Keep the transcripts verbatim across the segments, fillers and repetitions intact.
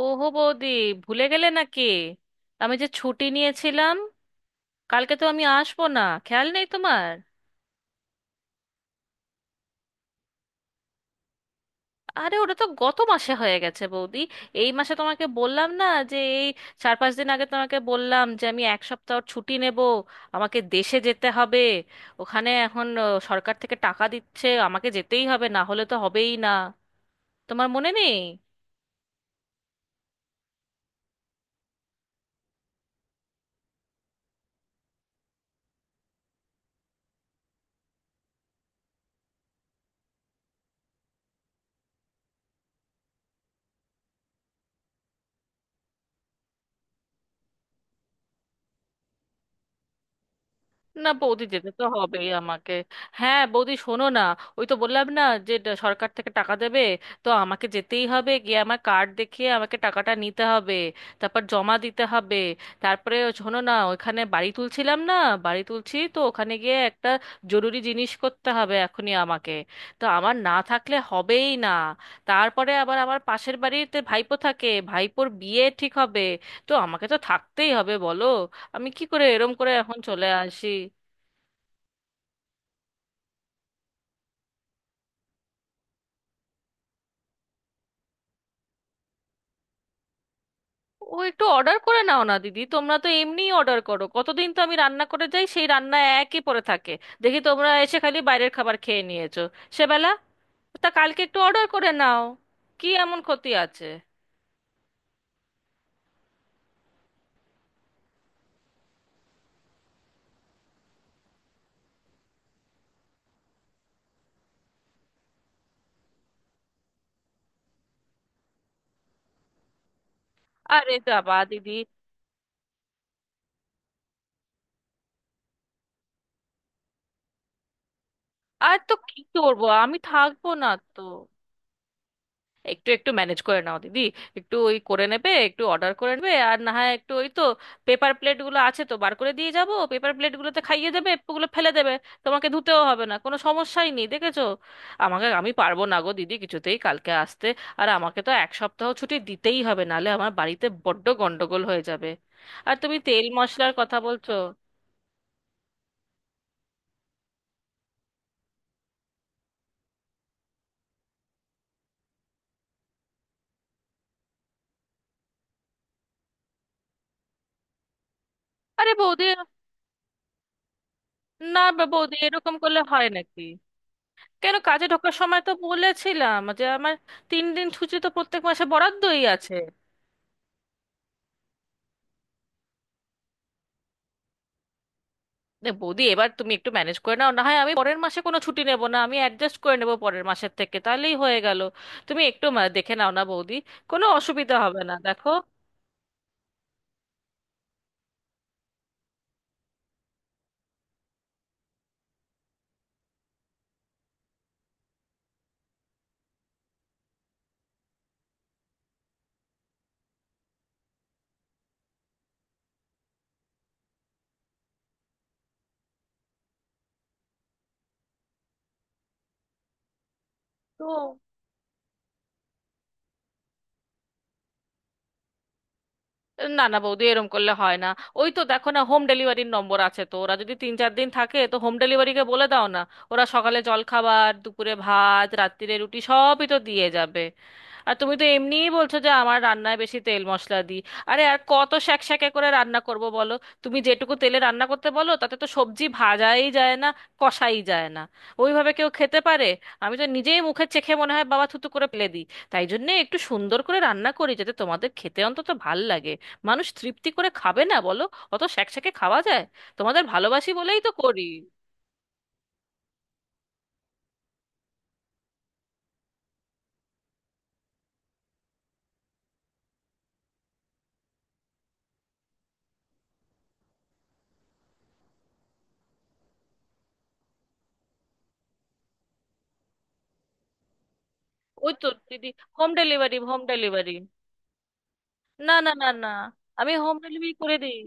ওহো বৌদি, ভুলে গেলে নাকি? আমি যে ছুটি নিয়েছিলাম, কালকে তো আমি আসবো না। খেয়াল নেই তোমার? আরে ওটা তো গত মাসে হয়ে গেছে বৌদি। এই মাসে তোমাকে বললাম না, যে এই চার পাঁচ দিন আগে তোমাকে বললাম যে আমি এক সপ্তাহ ছুটি নেব, আমাকে দেশে যেতে হবে। ওখানে এখন আহ, সরকার থেকে টাকা দিচ্ছে, আমাকে যেতেই হবে, না হলে তো হবেই না। তোমার মনে নেই? না বৌদি, যেতে তো হবেই আমাকে। হ্যাঁ বৌদি, শোনো না, ওই তো বললাম না যে ড- সরকার থেকে টাকা দেবে, তো আমাকে যেতেই হবে, গিয়ে আমার কার্ড দেখিয়ে আমাকে টাকাটা নিতে হবে, তারপর জমা দিতে হবে, তারপরে। শোনো না, ওখানে বাড়ি তুলছিলাম না, বাড়ি তুলছি তো, ওখানে গিয়ে একটা জরুরি জিনিস করতে হবে এখনই আমাকে, তো আমার না থাকলে হবেই না। তারপরে আবার আমার পাশের বাড়িতে ভাইপো থাকে, ভাইপোর বিয়ে ঠিক হবে, তো আমাকে তো থাকতেই হবে, বলো। আমি কি করে এরম করে এখন চলে আসি? ও, একটু অর্ডার করে নাও না দিদি, তোমরা তো এমনিই অর্ডার করো। কতদিন তো আমি রান্না করে যাই, সেই রান্না একই পড়ে থাকে। দেখি তোমরা এসে খালি বাইরের খাবার খেয়ে নিয়েছো সেবেলা। তা কালকে একটু অর্ডার করে নাও, কি এমন ক্ষতি আছে? আরে বাবা দিদি, আর তো কি করবো, আমি থাকবো না তো, একটু একটু ম্যানেজ করে নাও দিদি। একটু ওই করে নেবে, একটু অর্ডার করে নেবে, আর না হয় একটু ওই তো পেপার প্লেটগুলো আছে তো, বার করে দিয়ে যাব, পেপার প্লেটগুলোতে খাইয়ে দেবে, ওগুলো ফেলে দেবে, তোমাকে ধুতেও হবে না, কোনো সমস্যাই নেই, দেখেছো? আমাকে আমি পারবো না গো দিদি কিছুতেই কালকে আসতে। আর আমাকে তো এক সপ্তাহ ছুটি দিতেই হবে, নাহলে আমার বাড়িতে বড্ড গন্ডগোল হয়ে যাবে। আর তুমি তেল মশলার কথা বলছো। আরে বৌদি, না বা বৌদি, এরকম করলে হয় নাকি? কেন, কাজে ঢোকার সময় তো বলেছিলাম যে আমার তিন দিন ছুটি তো প্রত্যেক মাসে বরাদ্দই আছে। এ বৌদি, এবার তুমি একটু ম্যানেজ করে নাও, না হয় আমি পরের মাসে কোনো ছুটি নেব না, আমি অ্যাডজাস্ট করে নেব পরের মাসের থেকে, তাহলেই হয়ে গেল। তুমি একটু মা- দেখে নাও না বৌদি, কোনো অসুবিধা হবে না দেখো। তো না না বৌদি, এরম করলে হয় না, ওই তো দেখো না, হোম ডেলিভারির নম্বর আছে তো, ওরা যদি তিন চার দিন থাকে তো, হোম ডেলিভারিকে বলে দাও না। ওরা সকালে জলখাবার, দুপুরে ভাত, রাত্তিরে রুটি, সবই তো দিয়ে যাবে। আর তুমি তো এমনিই বলছো যে আমার রান্নায় বেশি তেল মশলা দিই, আরে আর কত শ্যাকশ্যাকে করে রান্না করব বলো? তুমি যেটুকু তেলে রান্না করতে বলো তাতে তো সবজি ভাজাই যায় না, কষাই যায় না। ওইভাবে কেউ খেতে পারে? আমি তো নিজেই মুখে চেখে মনে হয় বাবা, থুতু করে ফেলে দিই। তাই জন্য একটু সুন্দর করে রান্না করি যাতে তোমাদের খেতে অন্তত ভাল লাগে। মানুষ তৃপ্তি করে খাবে না বলো? অত শ্যাকশ্যাকে খাওয়া যায়? তোমাদের ভালোবাসি বলেই তো করি। ওই তো দিদি, হোম ডেলিভারি, হোম ডেলিভারি, না না না না, আমি হোম ডেলিভারি করে দিই।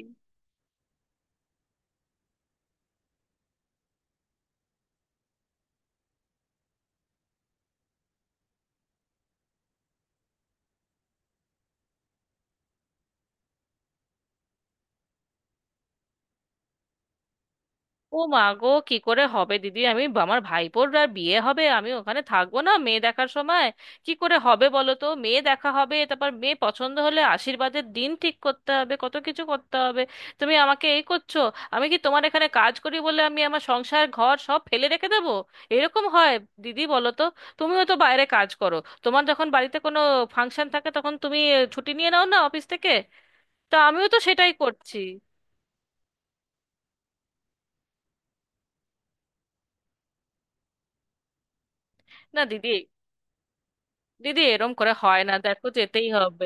ও মা গো, কি করে হবে দিদি, আমি আমার ভাইপোর আর বিয়ে হবে, আমি ওখানে থাকবো না মেয়ে দেখার সময়। কি করে হবে বলো তো? মেয়ে দেখা হবে, তারপর মেয়ে পছন্দ হলে আশীর্বাদের দিন ঠিক করতে হবে, কত কিছু করতে হবে। তুমি আমাকে এই করছো। আমি কি তোমার এখানে কাজ করি বলে আমি আমার সংসার ঘর সব ফেলে রেখে দেবো? এরকম হয় দিদি বলো তো? তুমিও তো বাইরে কাজ করো, তোমার যখন বাড়িতে কোনো ফাংশন থাকে তখন তুমি ছুটি নিয়ে নাও না অফিস থেকে। তা আমিও তো সেটাই করছি। না দিদি, দিদি এরম করে হয় না, দেখো যেতেই হবে।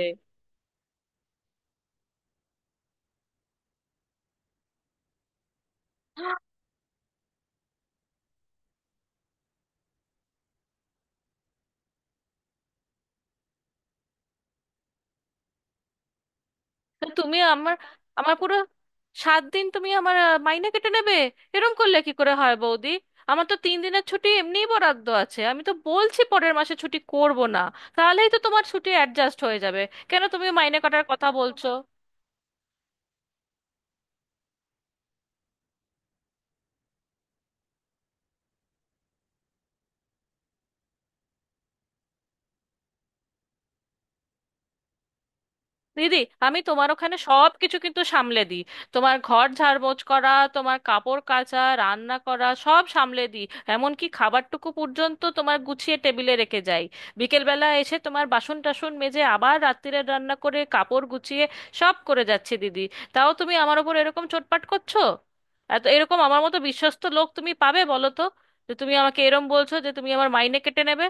তো তুমি আমার আমার পুরো সাত দিন তুমি আমার আহ, মাইনে কেটে নেবে? এরম করলে কি করে হয় বৌদি? আমার তো তিন দিনের ছুটি এমনিই বরাদ্দ আছে, আমি তো বলছি পরের মাসে ছুটি করব না, তাহলেই তো তোমার ছুটি অ্যাডজাস্ট হয়ে যাবে। কেন তুমি মাইনে কাটার কথা বলছো? দিদি, আমি তোমার ওখানে সব কিছু কিন্তু সামলে দিই। তোমার ঘর ঝাড়পোছ করা, তোমার কাপড় কাচা, রান্না করা সব সামলে দিই। এমনকি খাবারটুকু পর্যন্ত তোমার গুছিয়ে টেবিলে রেখে যাই, বিকেলবেলা এসে তোমার বাসন টাসন মেজে আবার রাত্তিরের রান্না করে কাপড় গুছিয়ে সব করে যাচ্ছি দিদি। তাও তুমি আমার ওপর এরকম চোটপাট করছো। এত এরকম আমার মতো বিশ্বস্ত লোক তুমি পাবে বলো তো? যে তুমি আমাকে এরম বলছো যে তুমি আমার মাইনে কেটে নেবে।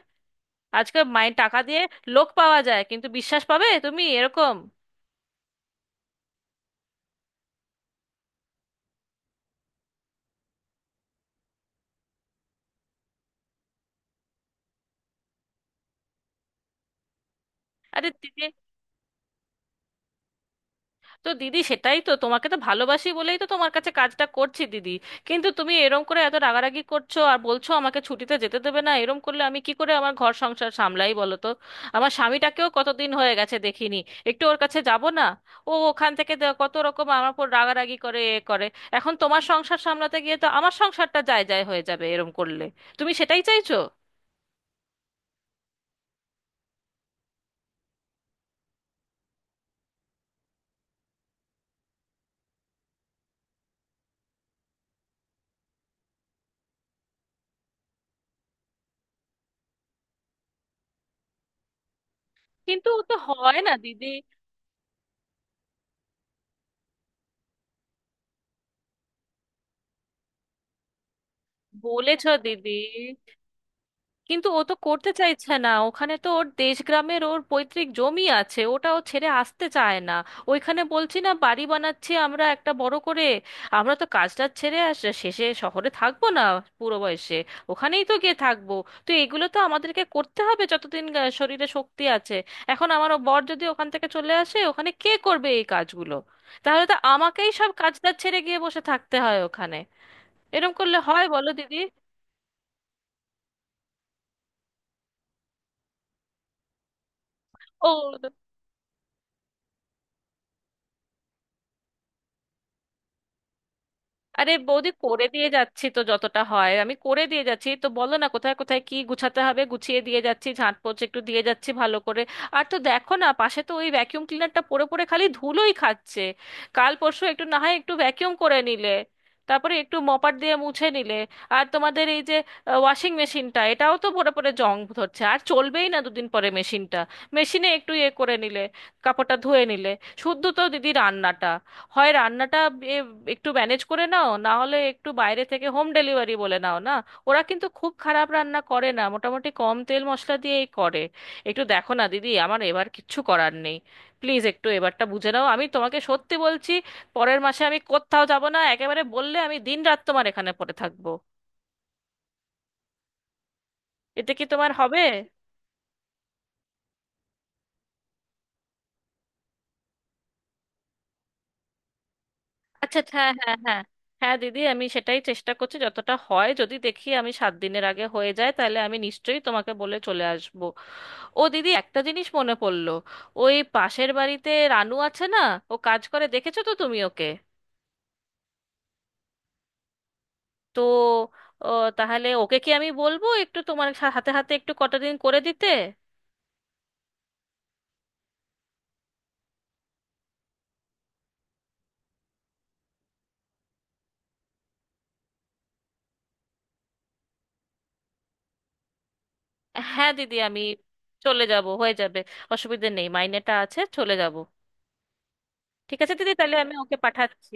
আজকাল মাইনে টাকা দিয়ে লোক পাওয়া যায়, কিন্তু বিশ্বাস পাবে তুমি এরকম? আরে দিদি, তো দিদি সেটাই তো, তোমাকে তো ভালোবাসি বলেই তো তোমার কাছে কাজটা করছি দিদি। কিন্তু তুমি এরম করে এত রাগারাগি করছো আর বলছো আমাকে ছুটিতে যেতে দেবে না, এরম করলে আমি কি করে আমার ঘর সংসার সামলাই বলো তো? আমার স্বামীটাকেও কতদিন হয়ে গেছে দেখিনি, একটু ওর কাছে যাব না? ও ওখান থেকে দে- কত রকম আমার উপর রাগারাগি করে, এ করে। এখন তোমার সংসার সামলাতে গিয়ে তো আমার সংসারটা যায় যায় হয়ে যাবে এরম করলে। তুমি সেটাই চাইছো? কিন্তু ও তো হয় না দিদি। বলেছো দিদি, কিন্তু ও তো করতে চাইছে না, ওখানে তো ওর দেশগ্রামের ওর পৈতৃক জমি আছে, ওটা ও ছেড়ে আসতে চায় না। ওইখানে বলছি না বাড়ি বানাচ্ছি আমরা একটা বড় করে। আমরা তো কাজটা ছেড়ে আস শেষে শহরে থাকবো না, বুড়ো বয়সে ওখানেই তো গিয়ে থাকবো। তো এগুলো তো আমাদেরকে করতে হবে যতদিন আহ, শরীরে শক্তি আছে। এখন আমার ও বর যদি ওখান থেকে চলে আসে, ওখানে কে করবে এই কাজগুলো? তাহলে তো আমাকেই সব কাজটা ছেড়ে গিয়ে বসে থাকতে হয় ওখানে। এরম করলে হয় বলো দিদি? ও আরে বৌদি, করে দিয়ে যাচ্ছি তো, যতটা হয় আমি করে দিয়ে যাচ্ছি তো, বলো না কোথায় কোথায় কি গুছাতে হবে, গুছিয়ে দিয়ে যাচ্ছি, ঝাঁট পোছ একটু দিয়ে যাচ্ছি ভালো করে। আর তো দেখো না, পাশে তো ওই ভ্যাকিউম ক্লিনারটা পড়ে পড়ে খালি ধুলোই খাচ্ছে। কাল পরশু একটু না হয় একটু ভ্যাকিউম করে নিলে, তারপরে একটু মপার দিয়ে মুছে নিলে। আর তোমাদের এই যে ওয়াশিং মেশিনটা, এটাও তো পরে পরে জং ধরছে, আর চলবেই না দুদিন পরে মেশিনটা। মেশিনে একটু ইয়ে করে নিলে, কাপড়টা ধুয়ে নিলে। শুদ্ধ তো দিদি রান্নাটা, হয় রান্নাটা, এ- একটু ম্যানেজ করে নাও, না হলে একটু বাইরে থেকে হোম ডেলিভারি বলে নাও না। ওরা কিন্তু খুব খারাপ রান্না করে না, মোটামুটি কম তেল মশলা দিয়েই করে। একটু দেখো না দিদি, আমার এবার কিচ্ছু করার নেই। প্লিজ একটু এবারটা বুঝে নাও, আমি তোমাকে সত্যি বলছি, পরের মাসে আমি কোথাও যাব না একেবারে, বললে আমি দিন রাত তোমার এখানে পড়ে থাকবো। এতে কি তোমার হবে? আচ্ছা আচ্ছা, হ্যাঁ হ্যাঁ হ্যাঁ, হ্যাঁ দিদি আমি সেটাই চেষ্টা করছি, যতটা হয় যদি দেখি আমি সাত দিনের আগে হয়ে যায়, তাহলে আমি নিশ্চয়ই তোমাকে বলে চলে আসব। ও দিদি, একটা জিনিস মনে পড়লো, ওই পাশের বাড়িতে রানু আছে না, ও কাজ করে, দেখেছো তো তুমি ওকে? তো ও, তাহলে ওকে কি আমি বলবো একটু তোমার সা- হাতে হাতে একটু কটা দিন করে দিতে? হ্যাঁ দিদি আমি চলে যাব, হয়ে যাবে, অসুবিধে নেই মাইনেটা আছে, চলে যাব। ঠিক আছে দিদি, তাহলে আমি ওকে পাঠাচ্ছি।